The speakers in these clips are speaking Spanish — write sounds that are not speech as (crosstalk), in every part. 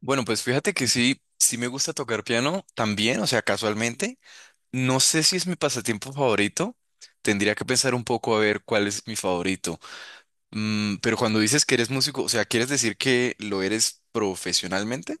Bueno, pues fíjate que sí, sí me gusta tocar piano también, o sea, casualmente. No sé si es mi pasatiempo favorito. Tendría que pensar un poco a ver cuál es mi favorito. Pero cuando dices que eres músico, o sea, ¿quieres decir que lo eres profesionalmente?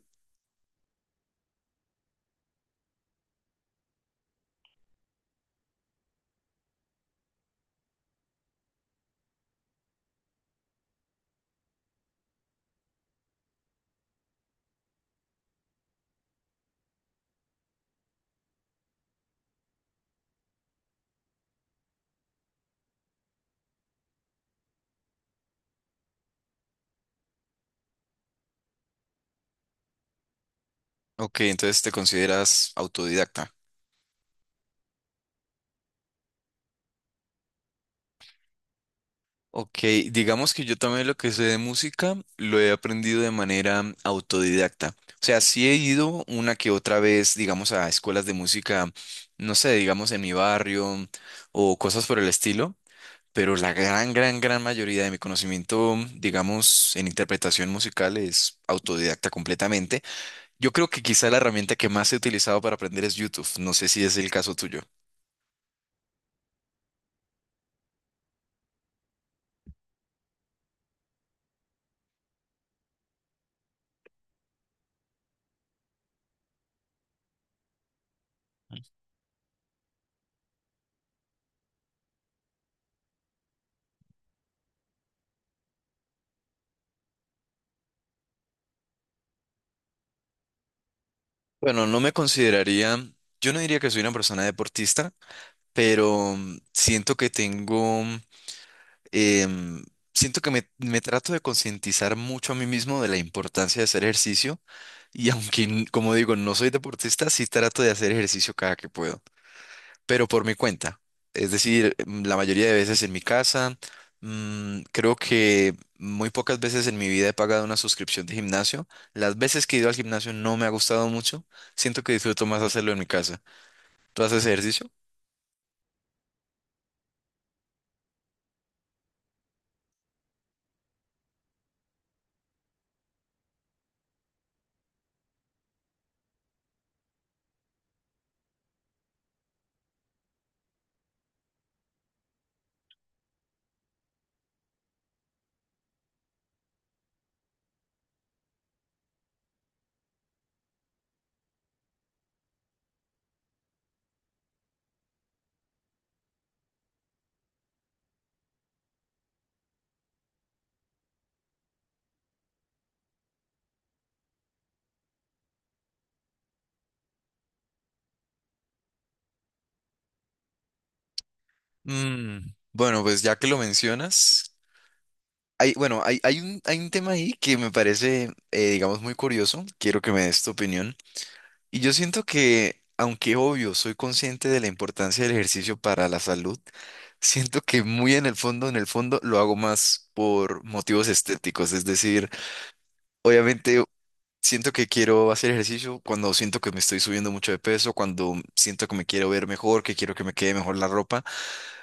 Ok, entonces te consideras autodidacta. Ok, digamos que yo también lo que sé de música lo he aprendido de manera autodidacta. O sea, sí he ido una que otra vez, digamos, a escuelas de música, no sé, digamos en mi barrio o cosas por el estilo, pero la gran, gran, gran mayoría de mi conocimiento, digamos, en interpretación musical es autodidacta completamente. Yo creo que quizá la herramienta que más he utilizado para aprender es YouTube. No sé si es el caso tuyo. Bueno, no me consideraría, yo no diría que soy una persona deportista, pero em, siento que me trato de concientizar mucho a mí mismo de la importancia de hacer ejercicio y (laughs) aunque, como digo, no soy deportista, sí trato de hacer ejercicio cada que puedo, pero por mi cuenta. Es decir, la mayoría de veces en mi casa, creo que muy pocas veces en mi vida he pagado una suscripción de gimnasio. Las veces que he ido al gimnasio no me ha gustado mucho, siento que disfruto más hacerlo en mi casa. ¿Tú haces ejercicio? Mm, bueno, pues ya que lo mencionas, bueno, hay un tema ahí que me parece, digamos, muy curioso. Quiero que me des tu opinión. Y yo siento que, aunque obvio, soy consciente de la importancia del ejercicio para la salud, siento que muy en el fondo, lo hago más por motivos estéticos. Es decir, obviamente. Siento que quiero hacer ejercicio cuando siento que me estoy subiendo mucho de peso, cuando siento que me quiero ver mejor, que quiero que me quede mejor la ropa.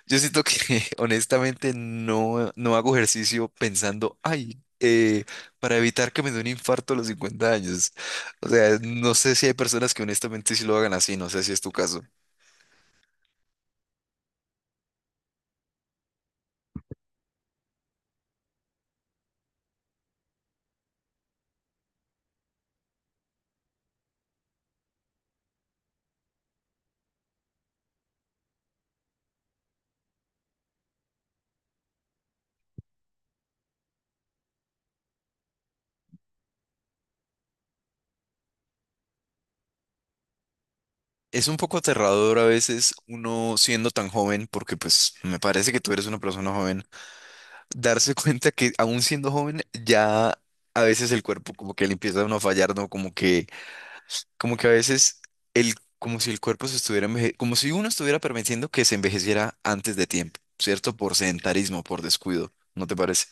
Yo siento que (laughs) honestamente no, no hago ejercicio pensando, ay, para evitar que me dé un infarto a los 50 años. O sea, no sé si hay personas que honestamente sí lo hagan así, no sé si es tu caso. Es un poco aterrador a veces uno siendo tan joven, porque pues me parece que tú eres una persona joven, darse (laughs) cuenta que aún siendo joven ya a veces el cuerpo como que le empieza a uno a fallar, ¿no? Como que a veces como si el cuerpo se estuviera como si uno estuviera permitiendo que se envejeciera antes de tiempo, ¿cierto? Por sedentarismo, por descuido, ¿no te parece?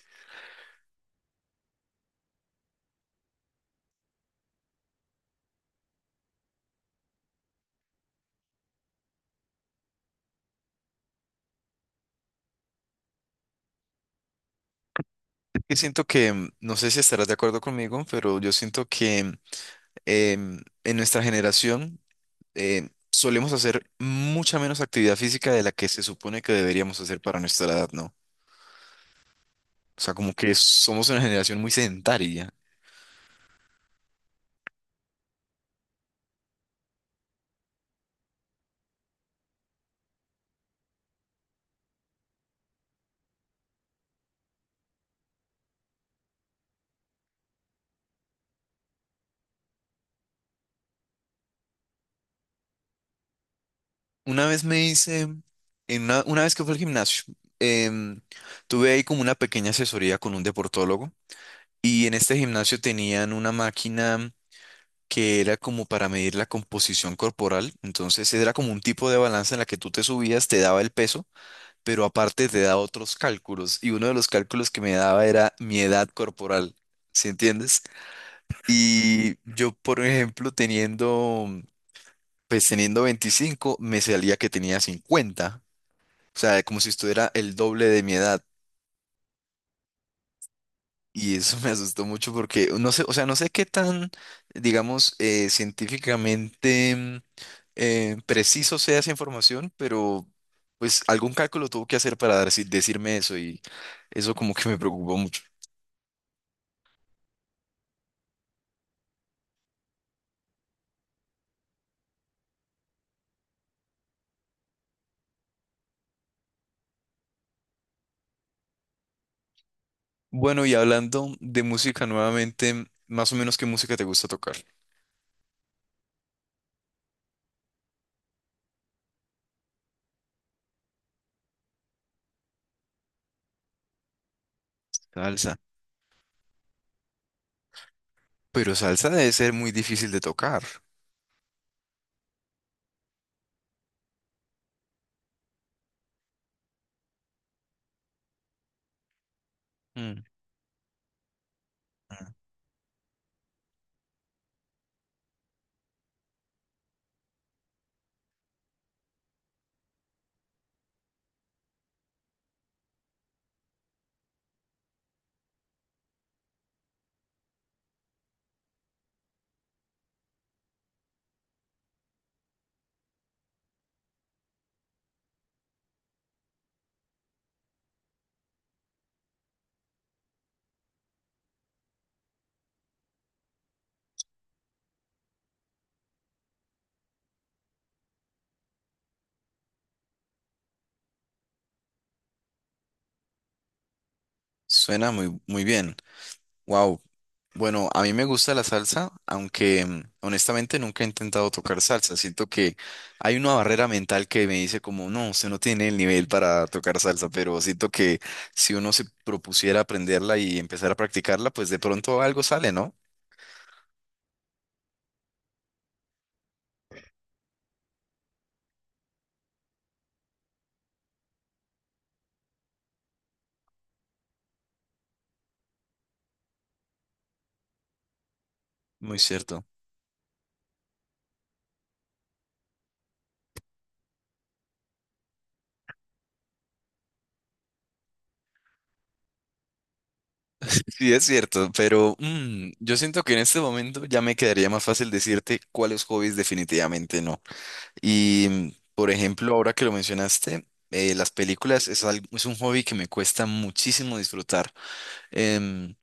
Yo siento que, no sé si estarás de acuerdo conmigo, pero yo siento que en nuestra generación solemos hacer mucha menos actividad física de la que se supone que deberíamos hacer para nuestra edad, ¿no? O sea, como que somos una generación muy sedentaria. Una vez me hice, en una vez que fue al gimnasio, em, tuve ahí como una pequeña asesoría con un deportólogo y en este gimnasio tenían una máquina que era como para medir la composición corporal, entonces era como un tipo de balanza en la que tú te subías, te daba el peso, pero aparte te daba otros cálculos y uno de los cálculos que me daba era mi edad corporal, ¿sí entiendes? Y yo, por ejemplo, teniendo. Pues teniendo 25 me salía que tenía 50. O sea, como si estuviera el doble de mi edad. Y eso (laughs) me asustó mucho porque no sé, o sea, no sé qué tan, digamos, científicamente preciso sea esa información, pero pues algún cálculo tuvo que hacer para decirme eso y eso como que me preocupó mucho. Bueno, y hablando de música nuevamente, más o menos qué música te gusta tocar. Salsa. Pero salsa debe ser muy difícil de tocar. Mm. Suena muy, muy bien. Wow. Bueno, a mí me gusta la salsa, aunque honestamente nunca he intentado tocar salsa. Siento que hay una barrera mental que me dice como, no, usted no tiene el nivel para tocar salsa, pero siento que si uno se propusiera aprenderla y empezar a practicarla, pues de pronto algo sale, ¿no? Muy cierto. Sí, es cierto, pero yo siento que en este momento ya me quedaría más fácil decirte cuáles hobbies definitivamente no. Y, por ejemplo, ahora que lo mencionaste, las películas es algo, es un hobby que me cuesta muchísimo disfrutar. Em,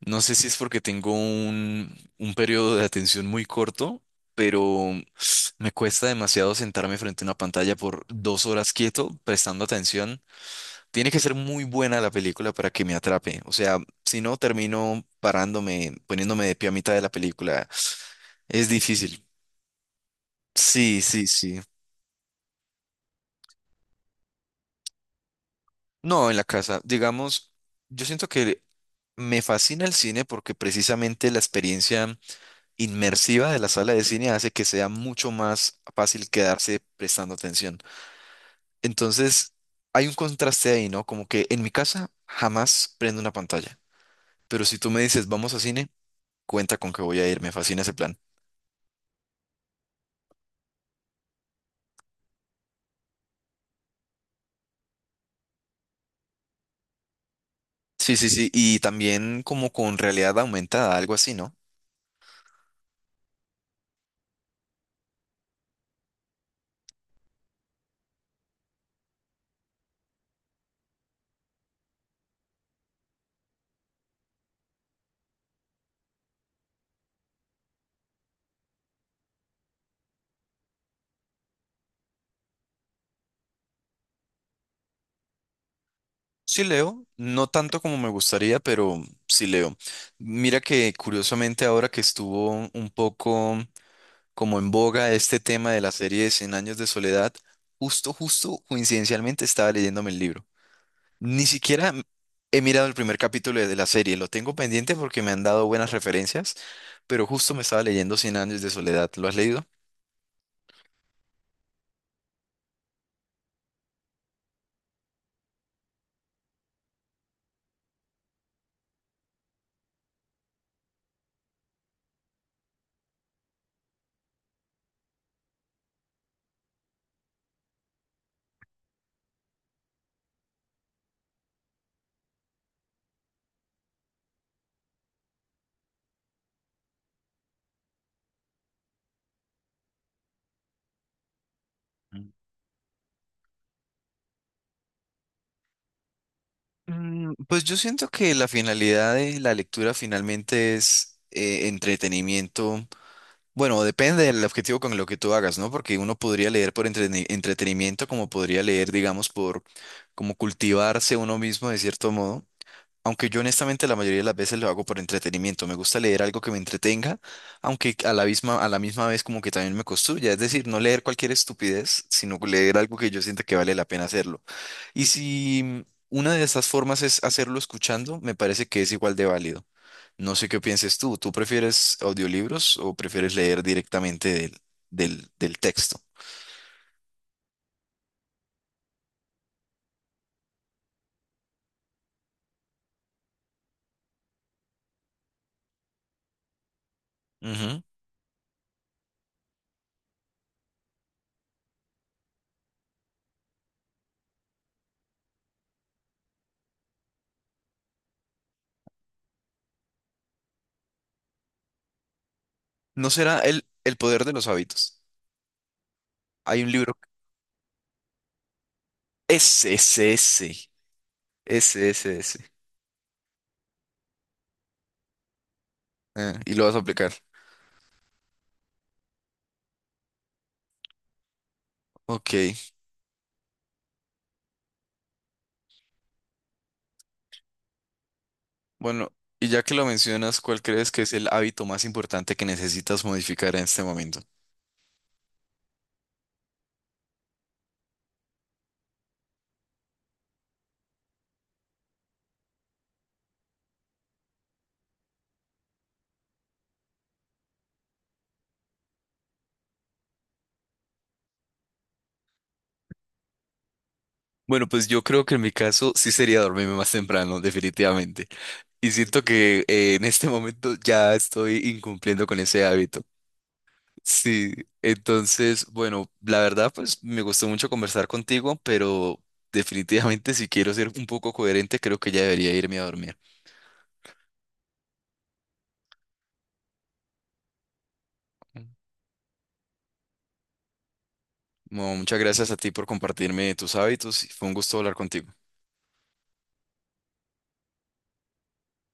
no sé si es porque tengo un periodo de atención muy corto, pero (sniffs) me cuesta demasiado sentarme frente a una pantalla por 2 horas quieto, prestando atención. Tiene que ser muy buena la película para que me atrape. O sea, si no, termino parándome, poniéndome de pie a mitad de la película. Es difícil. Sí, sí, sí. No, en la casa. Digamos, yo siento que me fascina el cine porque precisamente la experiencia inmersiva de la sala de cine hace que sea mucho más fácil quedarse prestando atención. Entonces, hay un contraste ahí, ¿no? Como que en mi casa jamás prendo una pantalla, pero si tú me dices vamos a cine, cuenta con que voy a ir, me fascina ese plan. Sí, sí, sí, y también como con realidad aumentada, algo así, ¿no? Sí leo, no tanto como me gustaría, pero sí leo. Mira que curiosamente ahora que estuvo un poco como en boga este tema de la serie de 100 años de soledad, justo, justo, coincidencialmente estaba leyéndome el libro. Ni siquiera he mirado el primer capítulo de la serie, lo tengo pendiente porque me han dado buenas referencias, pero justo me estaba leyendo 100 años de soledad. ¿Lo has leído? Pues yo siento que la finalidad de la lectura finalmente es entretenimiento. Bueno, depende del objetivo con lo que tú hagas, ¿no? Porque uno podría leer por entretenimiento, como podría leer, digamos, por como cultivarse uno mismo de cierto modo. Aunque yo honestamente la mayoría de las veces lo hago por entretenimiento. Me gusta leer algo que me entretenga, aunque a la misma vez como que también me construya. Es decir, no leer cualquier estupidez, sino leer algo que yo sienta que vale la pena hacerlo. Y si una de esas formas es hacerlo escuchando, me parece que es igual de válido. No sé qué pienses tú. ¿Tú prefieres audiolibros o prefieres leer directamente del texto? Ujú. ¿No será el poder de los hábitos? Hay un libro. Ese, ese, ese. Ese, ese, ese. Ah, y lo vas a aplicar. Ok. Bueno, y ya que lo mencionas, ¿cuál crees que es el hábito más importante que necesitas modificar en este momento? Bueno, pues yo creo que en mi caso sí sería dormirme más temprano, definitivamente. Y siento que en este momento ya estoy incumpliendo con ese hábito. Sí, entonces, bueno, la verdad, pues me gustó mucho conversar contigo, pero definitivamente si quiero ser un poco coherente, creo que ya debería irme a dormir. No, muchas gracias a ti por compartirme tus hábitos. Fue un gusto hablar contigo.